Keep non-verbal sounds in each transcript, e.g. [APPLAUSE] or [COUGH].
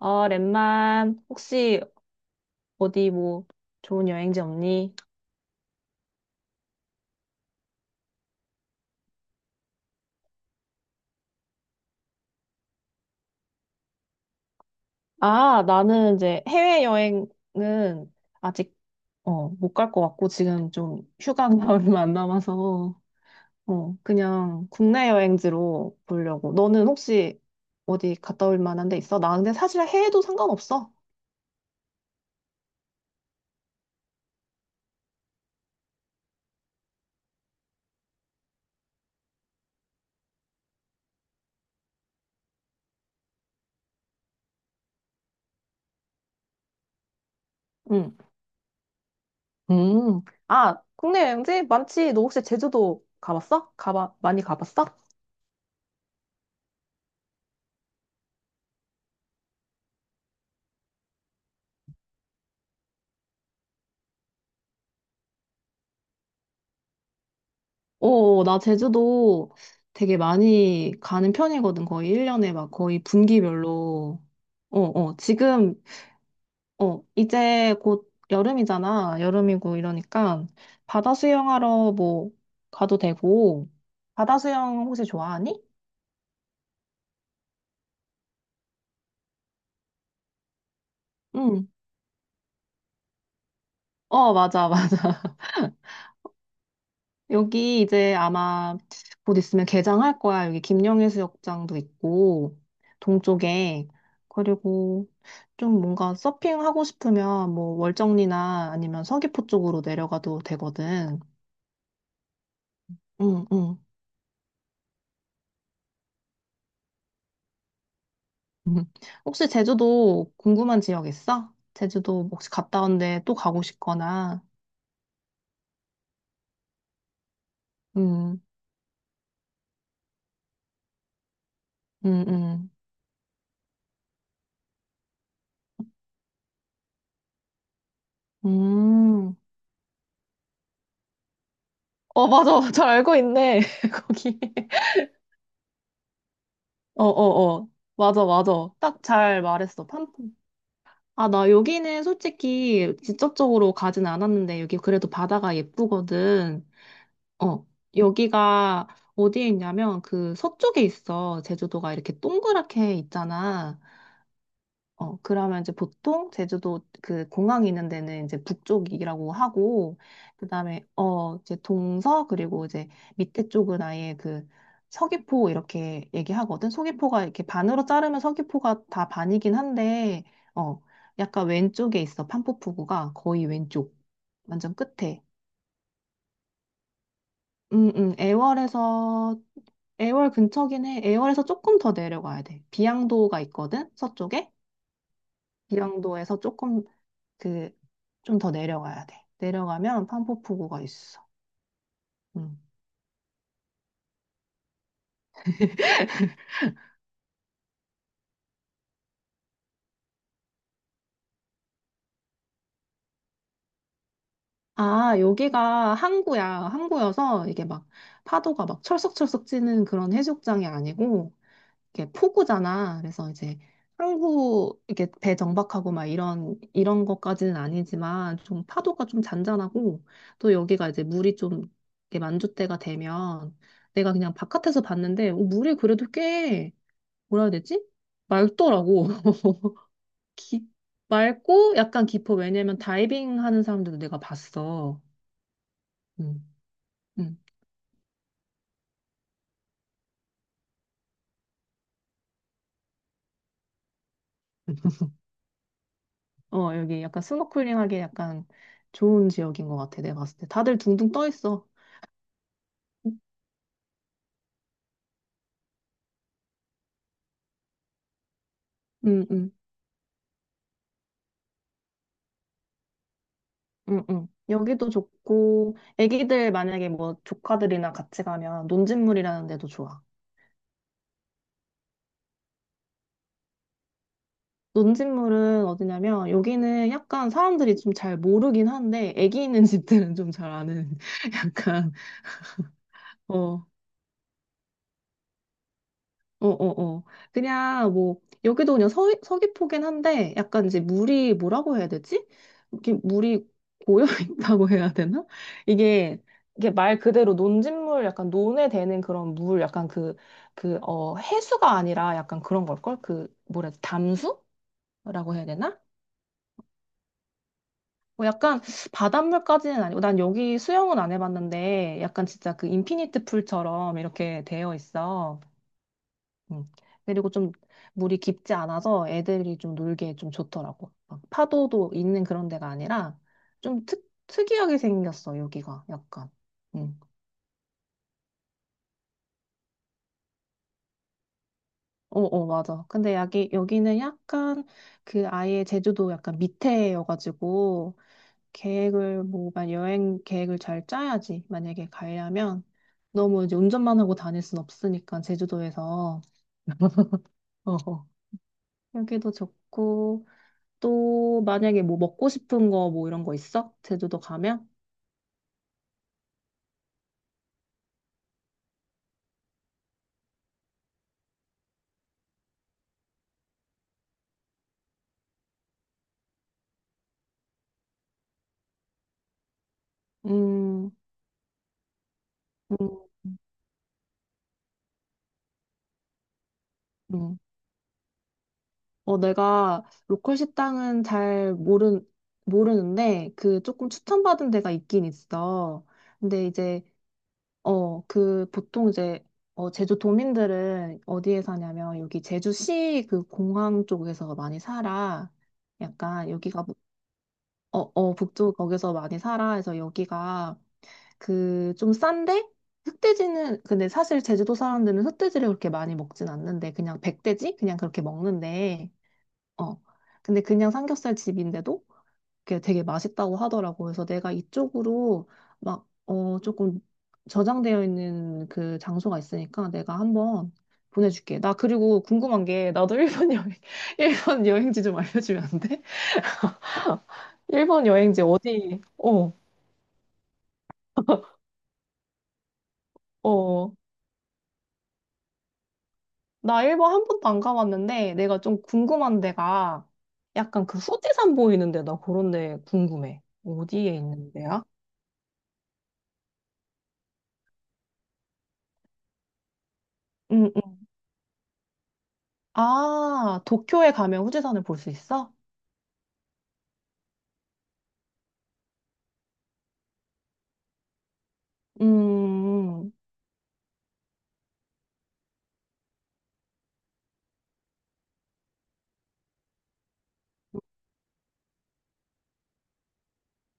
랩만, 혹시 어디 좋은 여행지 없니? 나는 이제 해외여행은 아직 못 갈 것 같고 지금 좀 휴가가 [LAUGHS] 얼마 안 남아서 그냥 국내 여행지로 보려고. 너는 혹시 어디 갔다 올 만한 데 있어? 나 근데 사실 해외도 상관없어. 응. 음. 국내 여행지 많지. 너 혹시 제주도 가봤어? 가봐 많이 가봤어? 나 제주도 되게 많이 가는 편이거든. 거의 1년에 막 거의 분기별로. 어, 어, 지금, 이제 곧 여름이잖아. 여름이고 이러니까 바다 수영하러 뭐 가도 되고. 바다 수영 혹시 좋아하니? 응. 맞아. 여기 이제 아마 곧 있으면 개장할 거야. 여기 김영해수욕장도 있고, 동쪽에. 그리고 좀 뭔가 서핑하고 싶으면 뭐 월정리나 아니면 서귀포 쪽으로 내려가도 되거든. 응, 응. [LAUGHS] 음. 혹시 제주도 궁금한 지역 있어? 제주도 뭐 혹시 갔다 온데 또 가고 싶거나. 응, 응, 응. 음. 맞아. [LAUGHS] 잘 알고 있네. [LAUGHS] 거기. 어어어. 맞아, 맞아. 딱 잘 말했어. 팜프. 나 여기는 솔직히 직접적으로 가진 않았는데, 여기 그래도 바다가 예쁘거든. 어. 여기가 어디에 있냐면, 그 서쪽에 있어. 제주도가 이렇게 동그랗게 있잖아. 그러면 이제 보통 제주도 그 공항이 있는 데는 이제 북쪽이라고 하고, 그 다음에, 이제 동서, 그리고 이제 밑에 쪽은 아예 그 서귀포 이렇게 얘기하거든. 서귀포가 이렇게 반으로 자르면 서귀포가 다 반이긴 한데, 어, 약간 왼쪽에 있어. 판포푸구가 거의 왼쪽. 완전 끝에. 애월에서, 애월 근처긴 해. 애월에서 조금 더 내려가야 돼. 비양도가 있거든, 서쪽에. 비양도에서 조금 그, 좀 더 내려가야 돼. 내려가면 판포푸구가 있어. 음. [LAUGHS] 아, 여기가 항구야. 항구여서 이게 막 파도가 막 철썩철썩 찌는 그런 해수욕장이 아니고 이게 포구잖아. 그래서 이제 항구 이렇게 배 정박하고 막 이런 것까지는 아니지만 좀 파도가 좀 잔잔하고 또 여기가 이제 물이 좀 이렇게 만조 때가 되면 내가 그냥 바깥에서 봤는데 물이 그래도 꽤 뭐라 해야 되지? 맑더라고. [LAUGHS] 깊, 맑고 약간 깊어. 왜냐면 다이빙 하는 사람들도 내가 봤어. 음, 음. 여기 약간 스노클링하기 약간 좋은 지역인 것 같아. 내가 봤을 때. 다들 둥둥 떠 있어. 응, 응, 응, 응. 응. 여기도 좋고, 애기들 만약에 뭐 조카들이나 같이 가면 논진물이라는 데도 좋아. 논진물은 어디냐면, 여기는 약간 사람들이 좀 잘 모르긴 한데, 애기 있는 [LAUGHS] 집들은 좀 잘 아는, [LAUGHS] 약간, 어, 어, 어, 어. 그냥 뭐, 여기도 그냥 서귀포긴 한데, 약간 이제 물이 뭐라고 해야 되지? 이렇게 물이 고여 [LAUGHS] 있다고 해야 되나? 이게, 이게 말 그대로 논진물, 약간 논에 되는 그런 물, 약간 해수가 아니라 약간 그런 걸걸? 뭐라 해야 돼? 담수? 라고 해야 되나? 뭐 약간 바닷물까지는 아니고, 난 여기 수영은 안 해봤는데, 약간 진짜 그 인피니트 풀처럼 이렇게 되어 있어. 음. 그리고 좀 물이 깊지 않아서 애들이 좀 놀기에 좀 좋더라고. 막 파도도 있는 그런 데가 아니라 좀 특이하게 생겼어, 여기가. 약간. 음. 맞아. 근데 여기는 약간 그 아예 제주도 약간 밑에여가지고 계획을 뭐, 만 여행 계획을 잘 짜야지. 만약에 가려면 너무 이제 운전만 하고 다닐 순 없으니까 제주도에서. 어, 어. 여기도 좋고. 또 만약에 뭐 먹고 싶은 거 뭐 이런 거 있어? 제주도 가면? 음, 음, 음. 내가 로컬 식당은 모르는데, 그 조금 추천받은 데가 있긴 있어. 근데 이제, 어, 그 보통 이제, 어, 제주 도민들은 어디에 사냐면, 여기 제주시 그 공항 쪽에서 많이 살아. 약간 여기가, 북- 북쪽 거기서 많이 살아. 그래서 여기가 그 좀 싼데 흑돼지는 근데 사실 제주도 사람들은 흑돼지를 그렇게 많이 먹진 않는데 그냥 백돼지 그냥 그렇게 먹는데 어 근데 그냥 삼겹살 집인데도 그게 되게 맛있다고 하더라고. 그래서 내가 이쪽으로 조금 저장되어 있는 그 장소가 있으니까 내가 한번 보내줄게. 나 그리고 궁금한 게, 나도 일본 여행 [LAUGHS] 일본 여행지 좀 알려주면 안 돼? [LAUGHS] 일본 여행지 어, 나 일본 한 번도 안 가봤는데 내가 좀 궁금한 데가 약간 그 후지산 보이는데, 나 그런 데 궁금해. 어디에 있는 데야? 음, 음. 아, 도쿄에 가면 후지산을 볼 수 있어? 음, 음.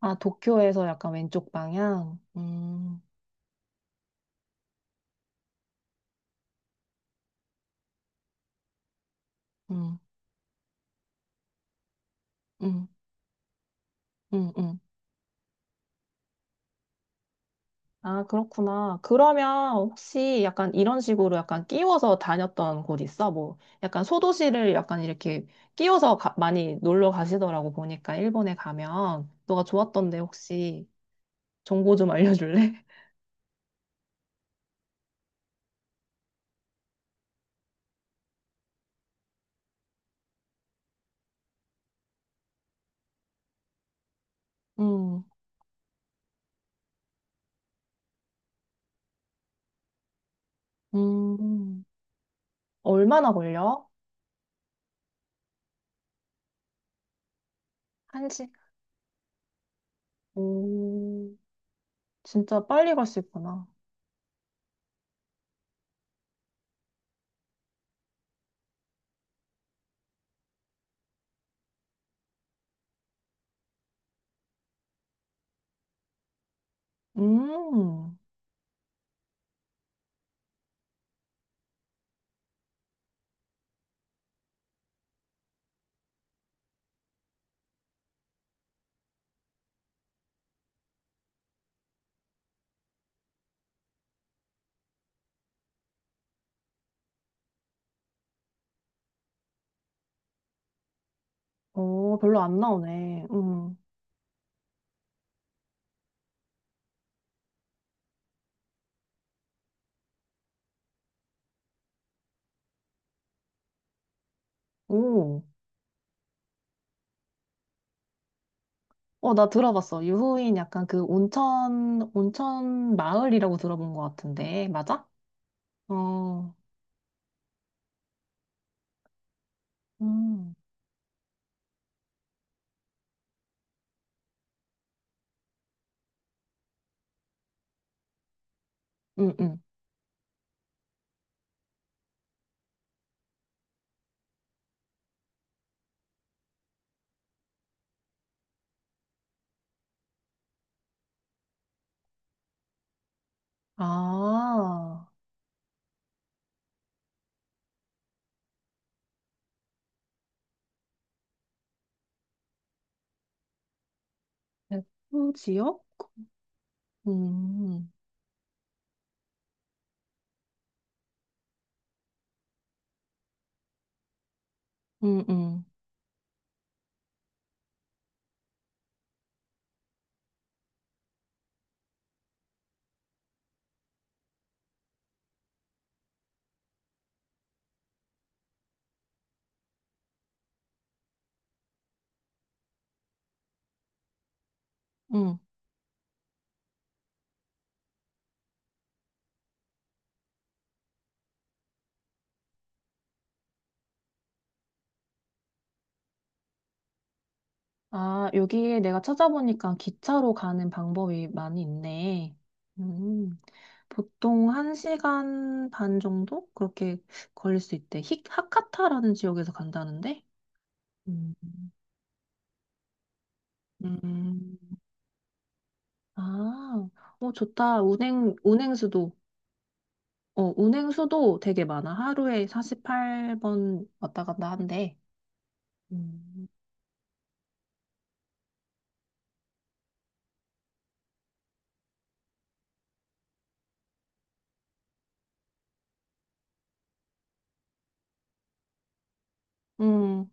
아, 도쿄에서 약간 왼쪽 방향? 음, 음, 음, 음. 아, 그렇구나. 그러면 혹시 약간 이런 식으로 약간 끼워서 다녔던 곳 있어? 뭐 약간 소도시를 약간 이렇게 끼워서 가- 많이 놀러 가시더라고. 보니까 일본에 가면 너가 좋았던데, 혹시 정보 좀 알려줄래? [LAUGHS] 음, 음. 얼마나 걸려? 한 시. 오, 진짜 빨리 갈 수 있구나. 음, 오, 별로 안 나오네. 오. 나 들어봤어. 유후인 약간 그 온천, 온천 마을이라고 들어본 것 같은데. 맞아? 어, 음, 음, 음. 아, 백호 지역? 음, 음, 음, 음. 아, 여기에 내가 찾아보니까 기차로 가는 방법이 많이 있네. 음, 보통 한시간반 정도? 그렇게 걸릴 수 있대. 하카타라는 지역에서 간다는데? 음, 음. 아, 좋다. 운행수도. 운행수도 되게 많아. 하루에 48번 왔다 갔다 한대. 음. 음,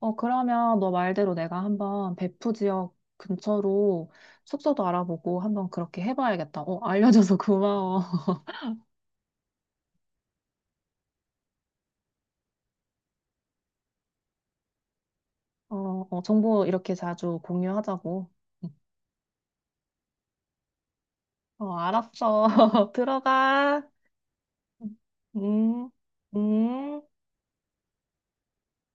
그러면 너 말대로 내가 한번 배프 지역 근처로 숙소도 알아보고 한번 그렇게 해봐야겠다. 어, 알려줘서 [LAUGHS] 고마워. 어, 어, 정보 이렇게 자주 공유하자고. 응. 어, 알았어. [LAUGHS] 들어가. 음, 음.